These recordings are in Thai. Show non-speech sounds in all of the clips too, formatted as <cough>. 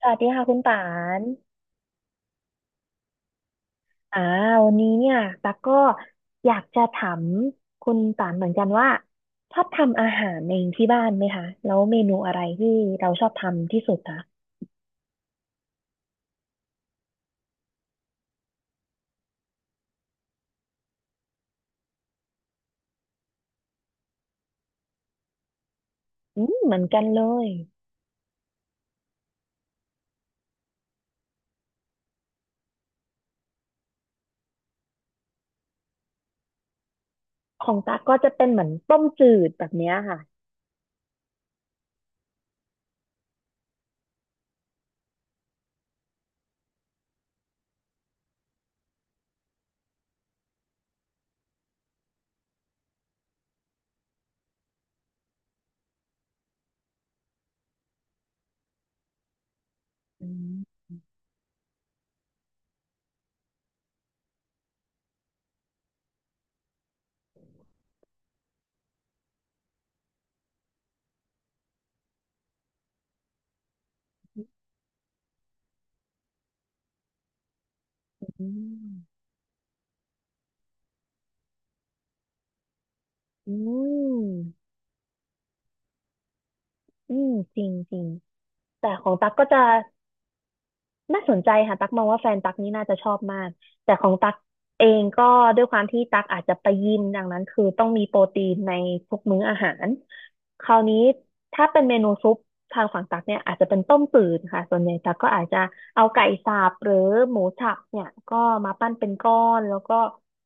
สวัสดีค่ะคุณป่านอ่าวันนี้เนี่ยตั๊กก็อยากจะถามคุณป่านเหมือนกันว่าชอบทำอาหารเองที่บ้านไหมคะแล้วเมนูอะไรที่เราชอบทำที่สุดคะอืมเหมือนกันเลยของตั๊กก็จะเป็นเหมือนต้มจืดแบบเนี้ยค่ะอืมอืมอืมอืมจริงจริงแต่ของตั๊กก็จะ น่าสนใจค่ะตักมองว่าแฟนตักนี่น่าจะชอบมากแต่ของตักเองก็ด้วยความที่ตักอาจจะไปยิมดังนั้นคือต้องมีโปรตีนในทุกมื้ออาหารคราวนี้ถ้าเป็นเมนูซุปทางฝั่งตักเนี่ยอาจจะเป็นต้มจืดค่ะส่วนใหญ่ตักก็อาจจะเอาไก่สับหรือหมูสับเนี่ยก็มาปั้นเป็นก้อนแล้วก็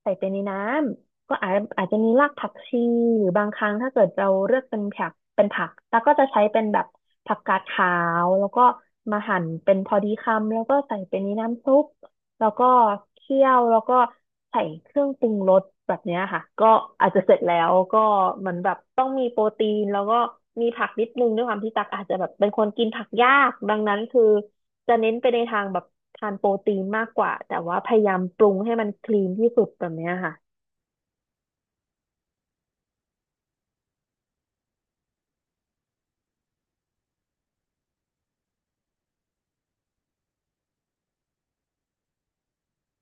ใส่ไปในน้ำ ก็อาจจะมีรากผักชีหรือบางครั้งถ้าเกิดเราเลือกเป็นผักแล้วก็จะใช้เป็นแบบผักกาดขาวแล้วก็มาหั่นเป็นพอดีคำแล้วก็ใส่ไปนในน้ำซุปแล้วก็เคี่ยวแล้วก็ใส่เครื่องปรุงรสแบบเนี้ยค่ะก็อาจจะเสร็จแล้วก็เหมือนแบบต้องมีโปรตีนแล้วก็มีผักนิดนึงด้วยความที่ตักอาจจะแบบเป็นคนกินผักยากดังนั้นคือจะเน้นไปในทางแบบทานโปรตีนมากกว่าแต่ว่าพยายามปรุงให้มันคลีนที่สุดแบบเนี้ยค่ะ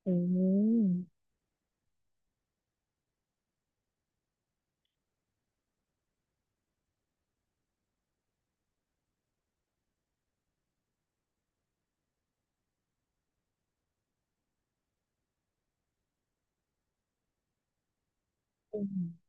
อืมอืม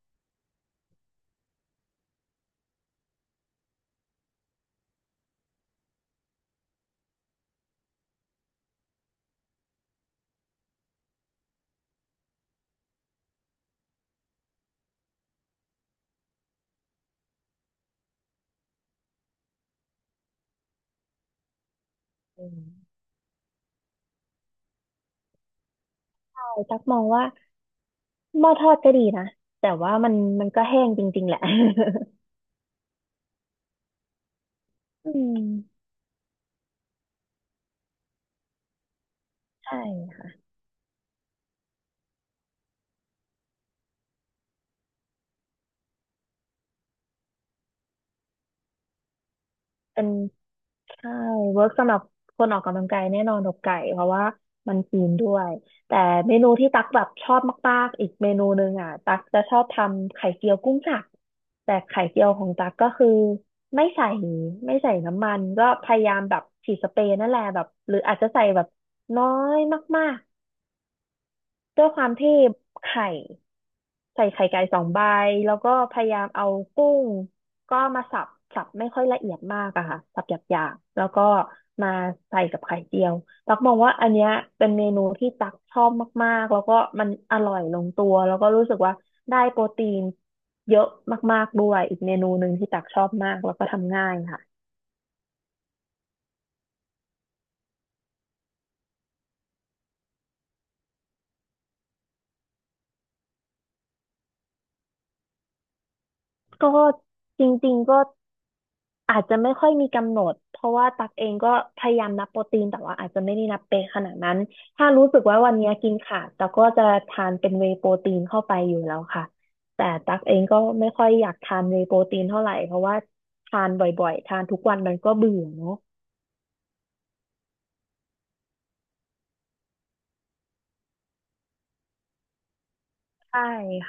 อืมใช่ตักมองว่าหม้อทอดก็ดีนะแต่ว่ามันมันก็แห้งจริงๆแหละ <laughs> อืมใช่เป็นใช่เวิร์กสำหรับคนออกกำลังกายแน่นอนอกไก่เพราะว่ามันคลีนด้วยแต่เมนูที่ตักแบบชอบมากๆอีกเมนูหนึ่งอ่ะตักจะชอบทำไข่เจียวกุ้งสับแต่ไข่เจียวของตักก็คือไม่ใส่ไม่ใส่น้ำมันก็พยายามแบบฉีดสเปรย์นั่นแหละแบบหรืออาจจะใส่แบบน้อยมาก ด้วยความที่ไข่ใส่ไข่ไก่สองใบแล้วก็พยายามเอากุ้งก็มาสับสับไม่ค่อยละเอียดมากอะค่ะสับหยาบๆแล้วก็มาใส่กับไข่เจียวตักมองว่าอันเนี้ยเป็นเมนูที่ตักชอบมากๆแล้วก็มันอร่อยลงตัวแล้วก็รู้สึกว่าได้โปรตีนเยอะมากๆด้วยอีกเมนูหนึ่งที่ตักชอบมากแล้วก็ทำง่ายค่ะก็จริงๆก็ อาจจะไม่ค่อยมีกำหนดเพราะว่าตักเองก็พยายามนับโปรตีนแต่ว่าอาจจะไม่ได้นับเป๊ะขนาดนั้นถ้ารู้สึกว่าวันนี้กินขาดตักก็จะทานเป็นเวย์โปรตีนเข้าไปอยู่แล้วค่ะแต่ตักเองก็ไม่ค่อยอยากทานเวย์โปรตีนเท่าไหร่เพราะว่าทานบ่อยๆทานทุกวันมันก็เบื่อเนาะ ใช่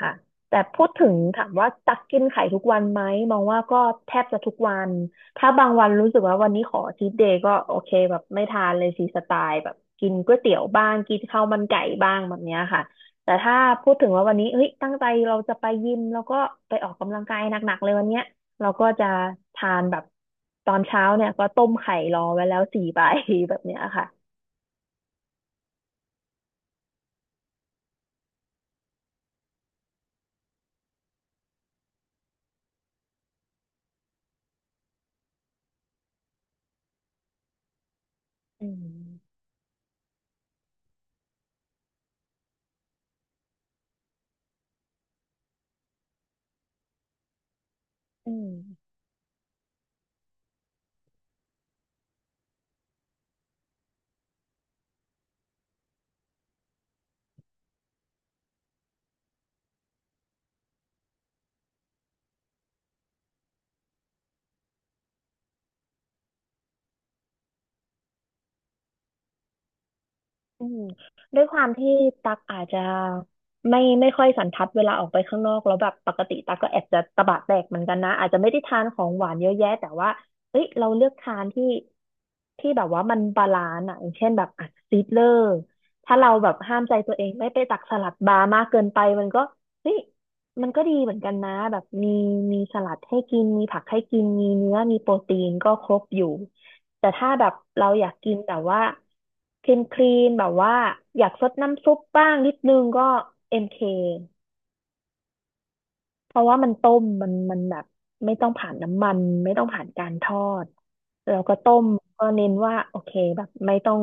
ค่ะแต่พูดถึงถามว่าตักกินไข่ทุกวันไหมมองว่าก็แทบจะทุกวันถ้าบางวันรู้สึกว่าวันนี้ขอชีทเดย์ก็โอเคแบบไม่ทานเลยฟรีสไตล์แบบกินก๋วยเตี๋ยวบ้างกินข้าวมันไก่บ้างแบบเนี้ยค่ะแต่ถ้าพูดถึงว่าวันนี้เฮ้ยตั้งใจเราจะไปยิมแล้วก็ไปออกกำลังกายหนักๆเลยวันเนี้ยเราก็จะทานแบบตอนเช้าเนี่ยก็ต้มไข่รอไว้แล้วสี่ใบ <laughs> แบบเนี้ยค่ะอืมอืม อืมด้วยความที่ตักอาจจะไม่ค่อยสันทัดเวลาออกไปข้างนอกแล้วแบบปกติตักก็แอบจะตะบะแตกเหมือนกันนะอาจจะไม่ได้ทานของหวานเยอะแยะแต่ว่าเอ้ยเราเลือกทานที่ที่แบบว่ามันบาลานซ์อ่ะอย่างเช่นแบบอ่ะซีดเลอร์ถ้าเราแบบห้ามใจตัวเองไม่ไปตักสลัดบาร์มากเกินไปมันก็เฮ้ยมันก็ดีเหมือนกันนะแบบมีสลัดให้กินมีผักให้กินมีเนื้อมีโปรตีนก็ครบอยู่ แต่ถ้าแบบเราอยากกินแบบว่าคลีนคลีนแบบว่าอยากซดน้ำซุปบ้างนิดนึงก็เอ็มเคเพราะว่ามันต้มมันมันแบบไม่ต้องผ่านน้ำมันไม่ต้องผ่านการทอดแราก็ต้มก็เน้นว่าโอเคแบบไม่ต้อง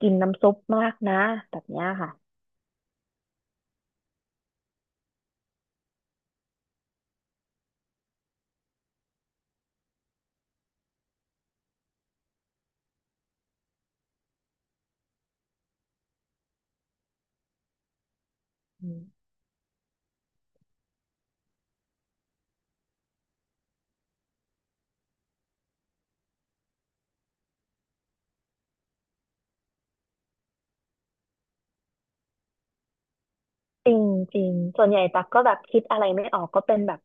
กินน้ำซุปมากนะแบบเนี้ยค่ะอืมจริงจริงส่วนใหญ่ตักก็แบบคิดอะไรไม่ออกก็เป็นแบบ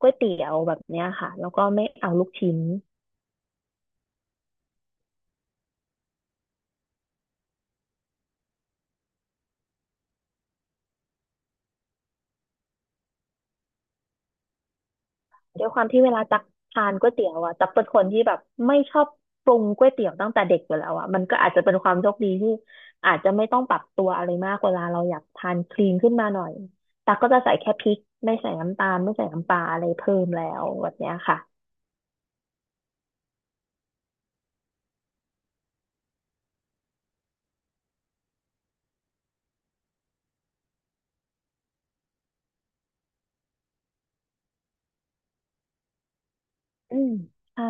ก๋วยเตี๋ยวแบบเนี้ยค่ะแล้วก็ไม่เอาลูกชิ้น ด้วยความที่เวลาตักทานก๋วยเตี๋ยวอ่ะตักเป็นคนที่แบบไม่ชอบปรุงก๋วยเตี๋ยวตั้งแต่เด็กอยู่แล้วอ่ะมันก็อาจจะเป็นความโชคดีที่อาจจะไม่ต้องปรับตัวอะไรมากเวลาเราอยากทานคลีนขึ้นมาหน่อยตักก็จะใส่แค่พริกไม่ใส่น้ำตาลไม่ใส่น้ำปลาอะไรเพิ่มแล้วแบบเนี้ยค่ะอืมใช่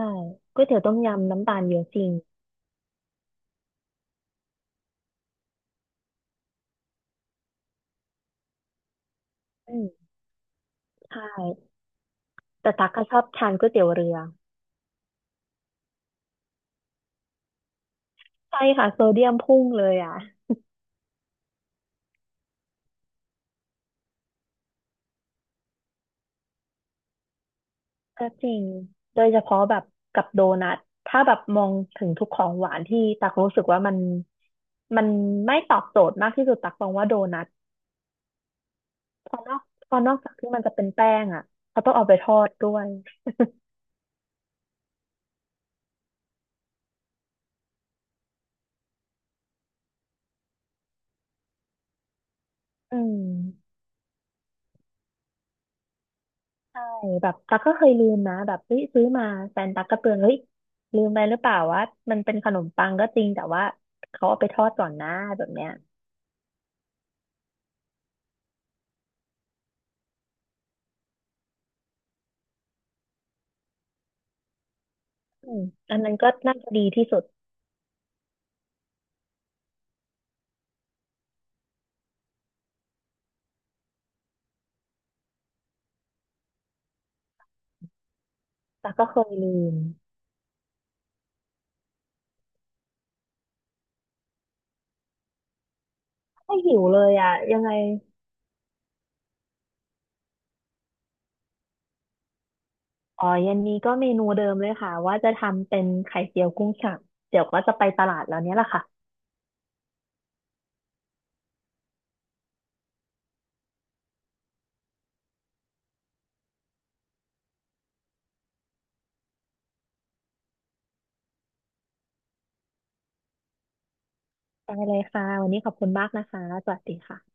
ก๋วยเตี๋ยวต้มยำน้ำตาลเยอะจริงอืมใช่แต่ตักก็ชอบทานก๋วยเตี๋ยวเรือใช่ค่ะโซเดียมพุ่งเลยอ่ะ ก็จริงโดยเฉพาะแบบกับโดนัทถ้าแบบมองถึงทุกของหวานที่ตักรู้สึกว่ามันมันไม่ตอบโจทย์มากที่สุดตักมองว่าโดนัทเพราะนอกเพราะนอกจากที่มันจะเป็นแป้งอ่ะเขาต้องเอาไปทอดด้วยอืมใช่แบบตักก็เคยลืมนะแบบเฮ้ยซื้อมาแฟนตักก็เตือนเฮ้ยลืมไปหรือเปล่าว่ามันเป็นขนมปังก็จริงแต่ว่าเขาเอาไปทอดก่อนนะแบบเนี้ยอืมอันนั้นก็น่าจะดีที่สุดแต่ก็เคยลืมไม่หิวเลยอ่ะยังไง อ๋อเย็นนี้ก็เมนูเดิมเลยค่ะว่าจะทำเป็นไข่เจียวกุ้งสับเดี๋ยวก็จะไปตลาดแล้วเนี้ยแหละค่ะได้เลยค่ะ วันนี้ขอบคุณมากนะคะ สวัสดีค่ะ